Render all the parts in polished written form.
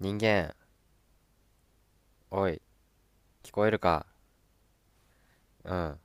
人間、おい、聞こえるか？うん。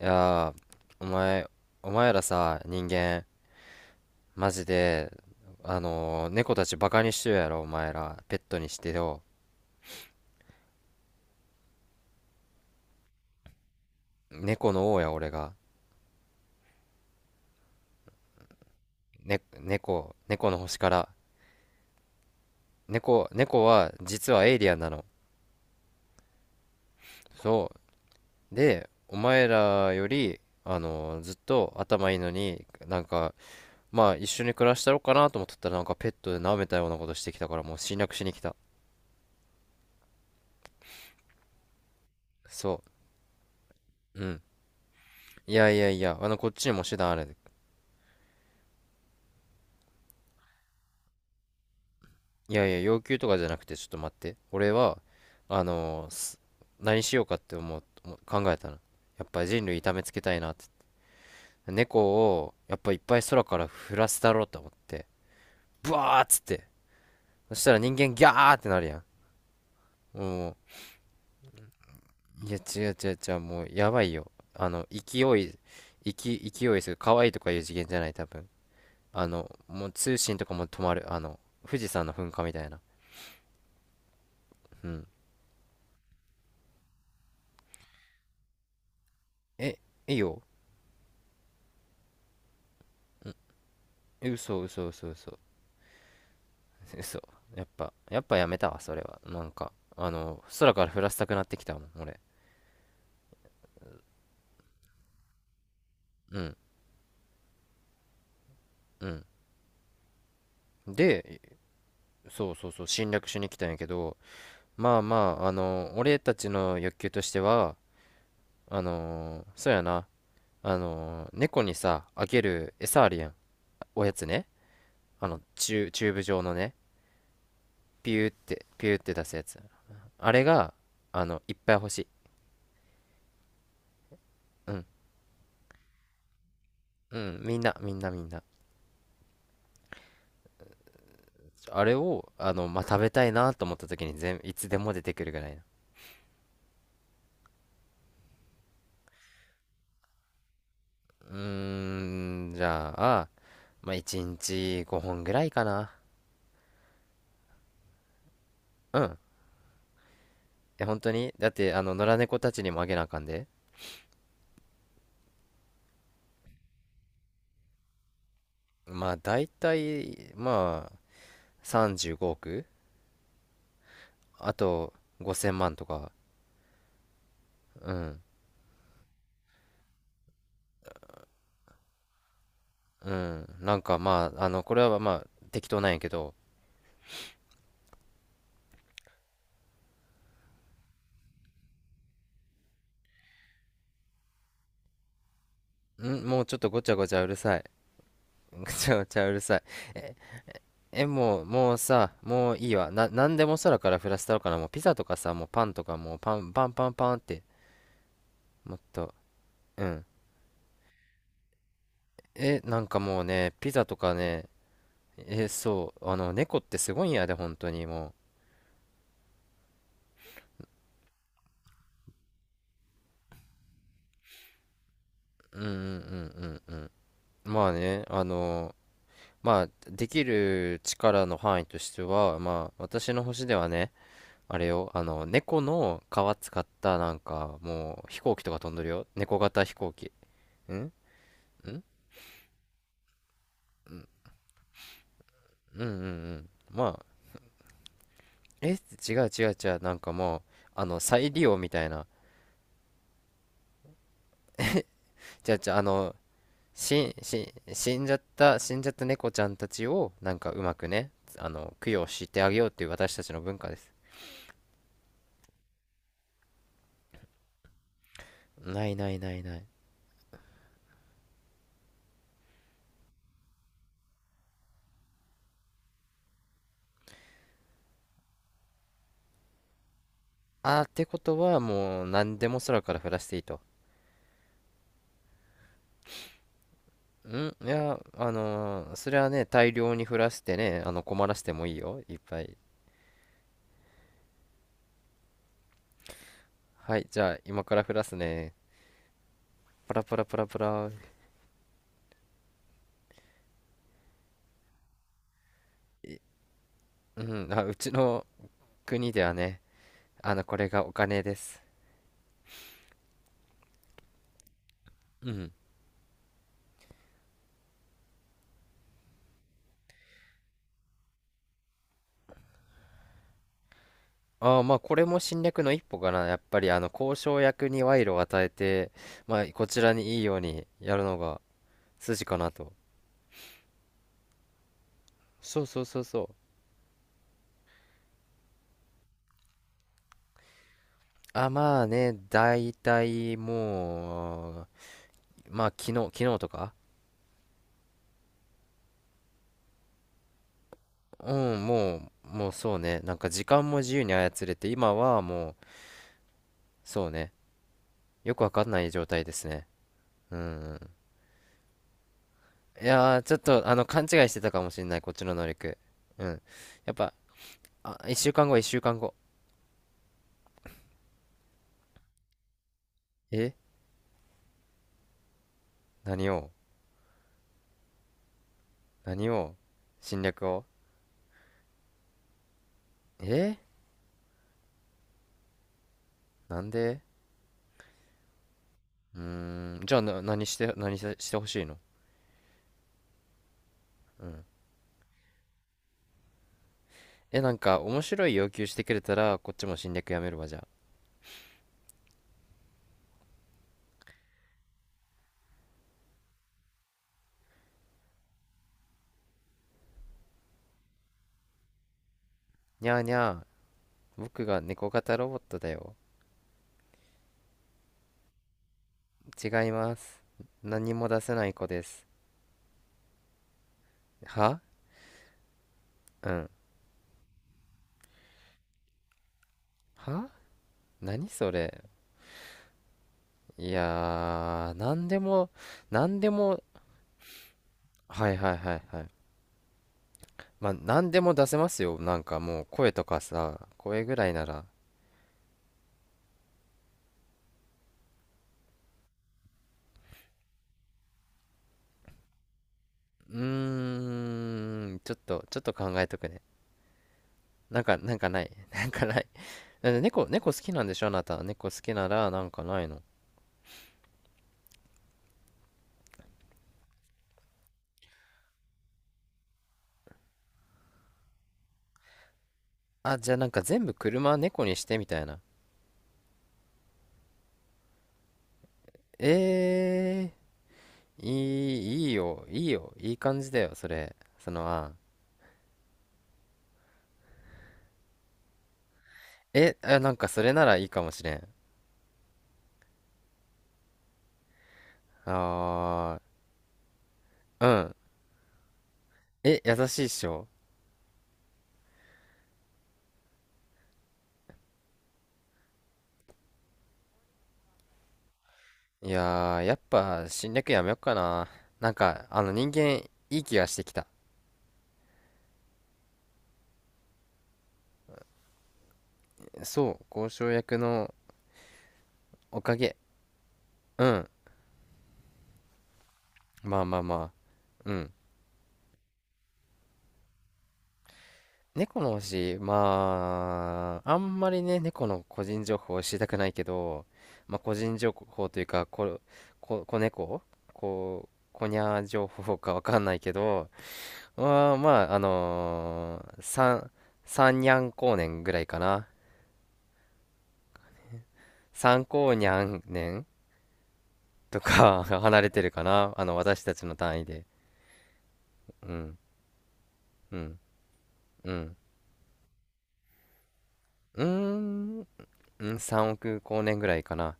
いやー、お前、お前らさ、人間、マジで、猫たちバカにしてるやろ、お前ら。ペットにしてよ。猫の王や、俺が。ね、猫の星から。猫は、実はエイリアンなの。そう。で、お前らより、ずっと頭いいのに、なんか、まあ、一緒に暮らしたろうかなと思っとったら、なんかペットで舐めたようなことしてきたから、もう侵略しに来た。そう。うん。いやいやいや、あの、こっちにも手段ある。いやいや、要求とかじゃなくて、ちょっと待って。俺は、あのーす何しようかって思う考えたの。やっぱり人類痛めつけたいなって。猫を、やっぱいっぱい空から降らせたろうと思って。ブワーっつって。そしたら人間ギャーってなるやん。もう、いや、違う、もう、やばいよ。あの、勢勢いする。可愛いとかいう次元じゃない、多分。あの、もう通信とかも止まる。あの、富士山の噴火みたいな。うん。え、いいよ。嘘嘘 嘘。やっぱやめたわ、それは。なんかあの空から降らせたくなってきたもん、俺。うんうん。で、そうそうそう、侵略しに来たんやけど、まあ、あの俺たちの欲求としては、あのそうやな、あの猫にさあげる餌あるやん。おやつね。あのチューブ状のね。ピューってピューって出すやつ、あれが、あのいっぱい欲しい。うんうん。みんな。あれを、あの、まあ、食べたいなと思った時に全、いつでも出てくるぐらいな。うーん、じゃあ、まあ、1日5本ぐらいかな。うん。え、本当にだって、あの、野良猫たちにもあげなあかんで。まあ、大体、まあ、35億あと、5000万とか。うん。うん。なんか、まあ、あの、これはまあ、適当なんやけど。ん、もうちょっとごちゃごちゃうるさい。ごちゃごちゃうるさい。え、もう、もうさ、もういいわ。な、なんでも空から降らせたろかな。もうピザとかさ、もうパンとか、もうパン、パンパンパンって、もっと、うん。え、なんかもうね、ピザとかね、え、そう、あの、猫ってすごいんやで、本当にもう。んううん。まあね、あの、まあ、できる力の範囲としては、まあ、私の星ではね、あれよ、あの、猫の皮使った、なんか、もう、飛行機とか飛んでるよ。猫型飛行機。んん。うんうん。まあ、え、違う、なんかもう、あの、再利用みたいな。じゃあ、あの、死んじゃった猫ちゃんたちを、なんかうまくね、あの、供養してあげようっていう私たちの文化です。ない。あー、ってことは、もう、何でも空から降らしていいと。ん、いや、それはね、大量に降らしてね、あの、困らせてもいいよ、いっぱい。はい、じゃあ、今から降らすね。パラパラパラパラ。い、うん、あ、うちの国ではね、あの、これがお金です。うん。ああ、まあこれも侵略の一歩かな。やっぱりあの交渉役に賄賂を与えて、まあこちらにいいようにやるのが筋かなと。そうそうそうそう。あ、まあね、だいたいもう、まあ昨日とか。うん、もう、もうそうね。なんか時間も自由に操れて、今はもう、そうね。よくわかんない状態ですね。うん。いやー、ちょっとあの勘違いしてたかもしれない、こっちの能力。うん。やっぱ、あ、一週間後。え、何を？何を？侵略を？え、なんで？うーん、じゃあな、何せしてほしいの？うん。え、なんか、面白い要求してくれたら、こっちも侵略やめるわ、じゃあ。にゃーにゃー、僕が猫型ロボットだよ。違います。何も出せない子です。は、うん。何それ？いやー、何でも、はいはいはいはい。まあ、何でも出せますよ。なんかもう、声とかさ、声ぐらいなら。うーん、ちょっと考えとくね。なんか、なんかない。なんかない。だって猫好きなんでしょあなた。猫好きなら、なんかないの？あ、じゃあなんか全部車猫にしてみたいな。えー、いいよ、いいよ。いい感じだよ、それ。その案。え、あ、なんかそれならいいかもしれん。あー、うん。え、優しいっしょ？いやー、やっぱ侵略やめよっかな。なんか、あの人間、いい気がしてきた。そう、交渉役のおかげ。うん。まあまあまあ。うん。猫の星、まあ、あんまりね、猫の個人情報を知りたくないけど、まあ個人情報というか、子猫、こにゃー情報かわかんないけど、まあまあ、三にゃん光年ぐらいかな。三光にゃん年とか 離れてるかな。あの、私たちの単位で。うん、うん、うん。うーん、うねん、3億光年ぐらいかな。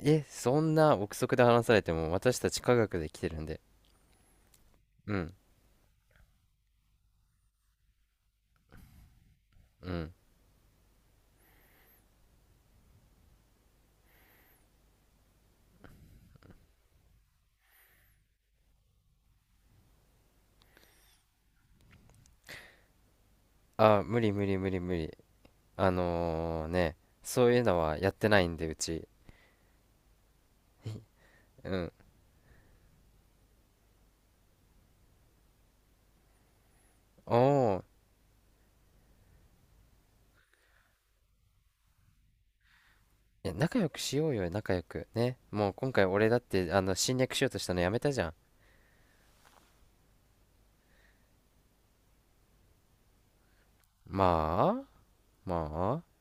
え、そんな憶測で話されても私たち科学で来てるんで。うん、うん。あ、無理無理。ね、そういうのはやってないんで、うち。うん。おお。いや、仲良くしようよ、仲良く。ね。もう今回俺だって、あの、侵略しようとしたのやめたじゃん。まあ、まあ。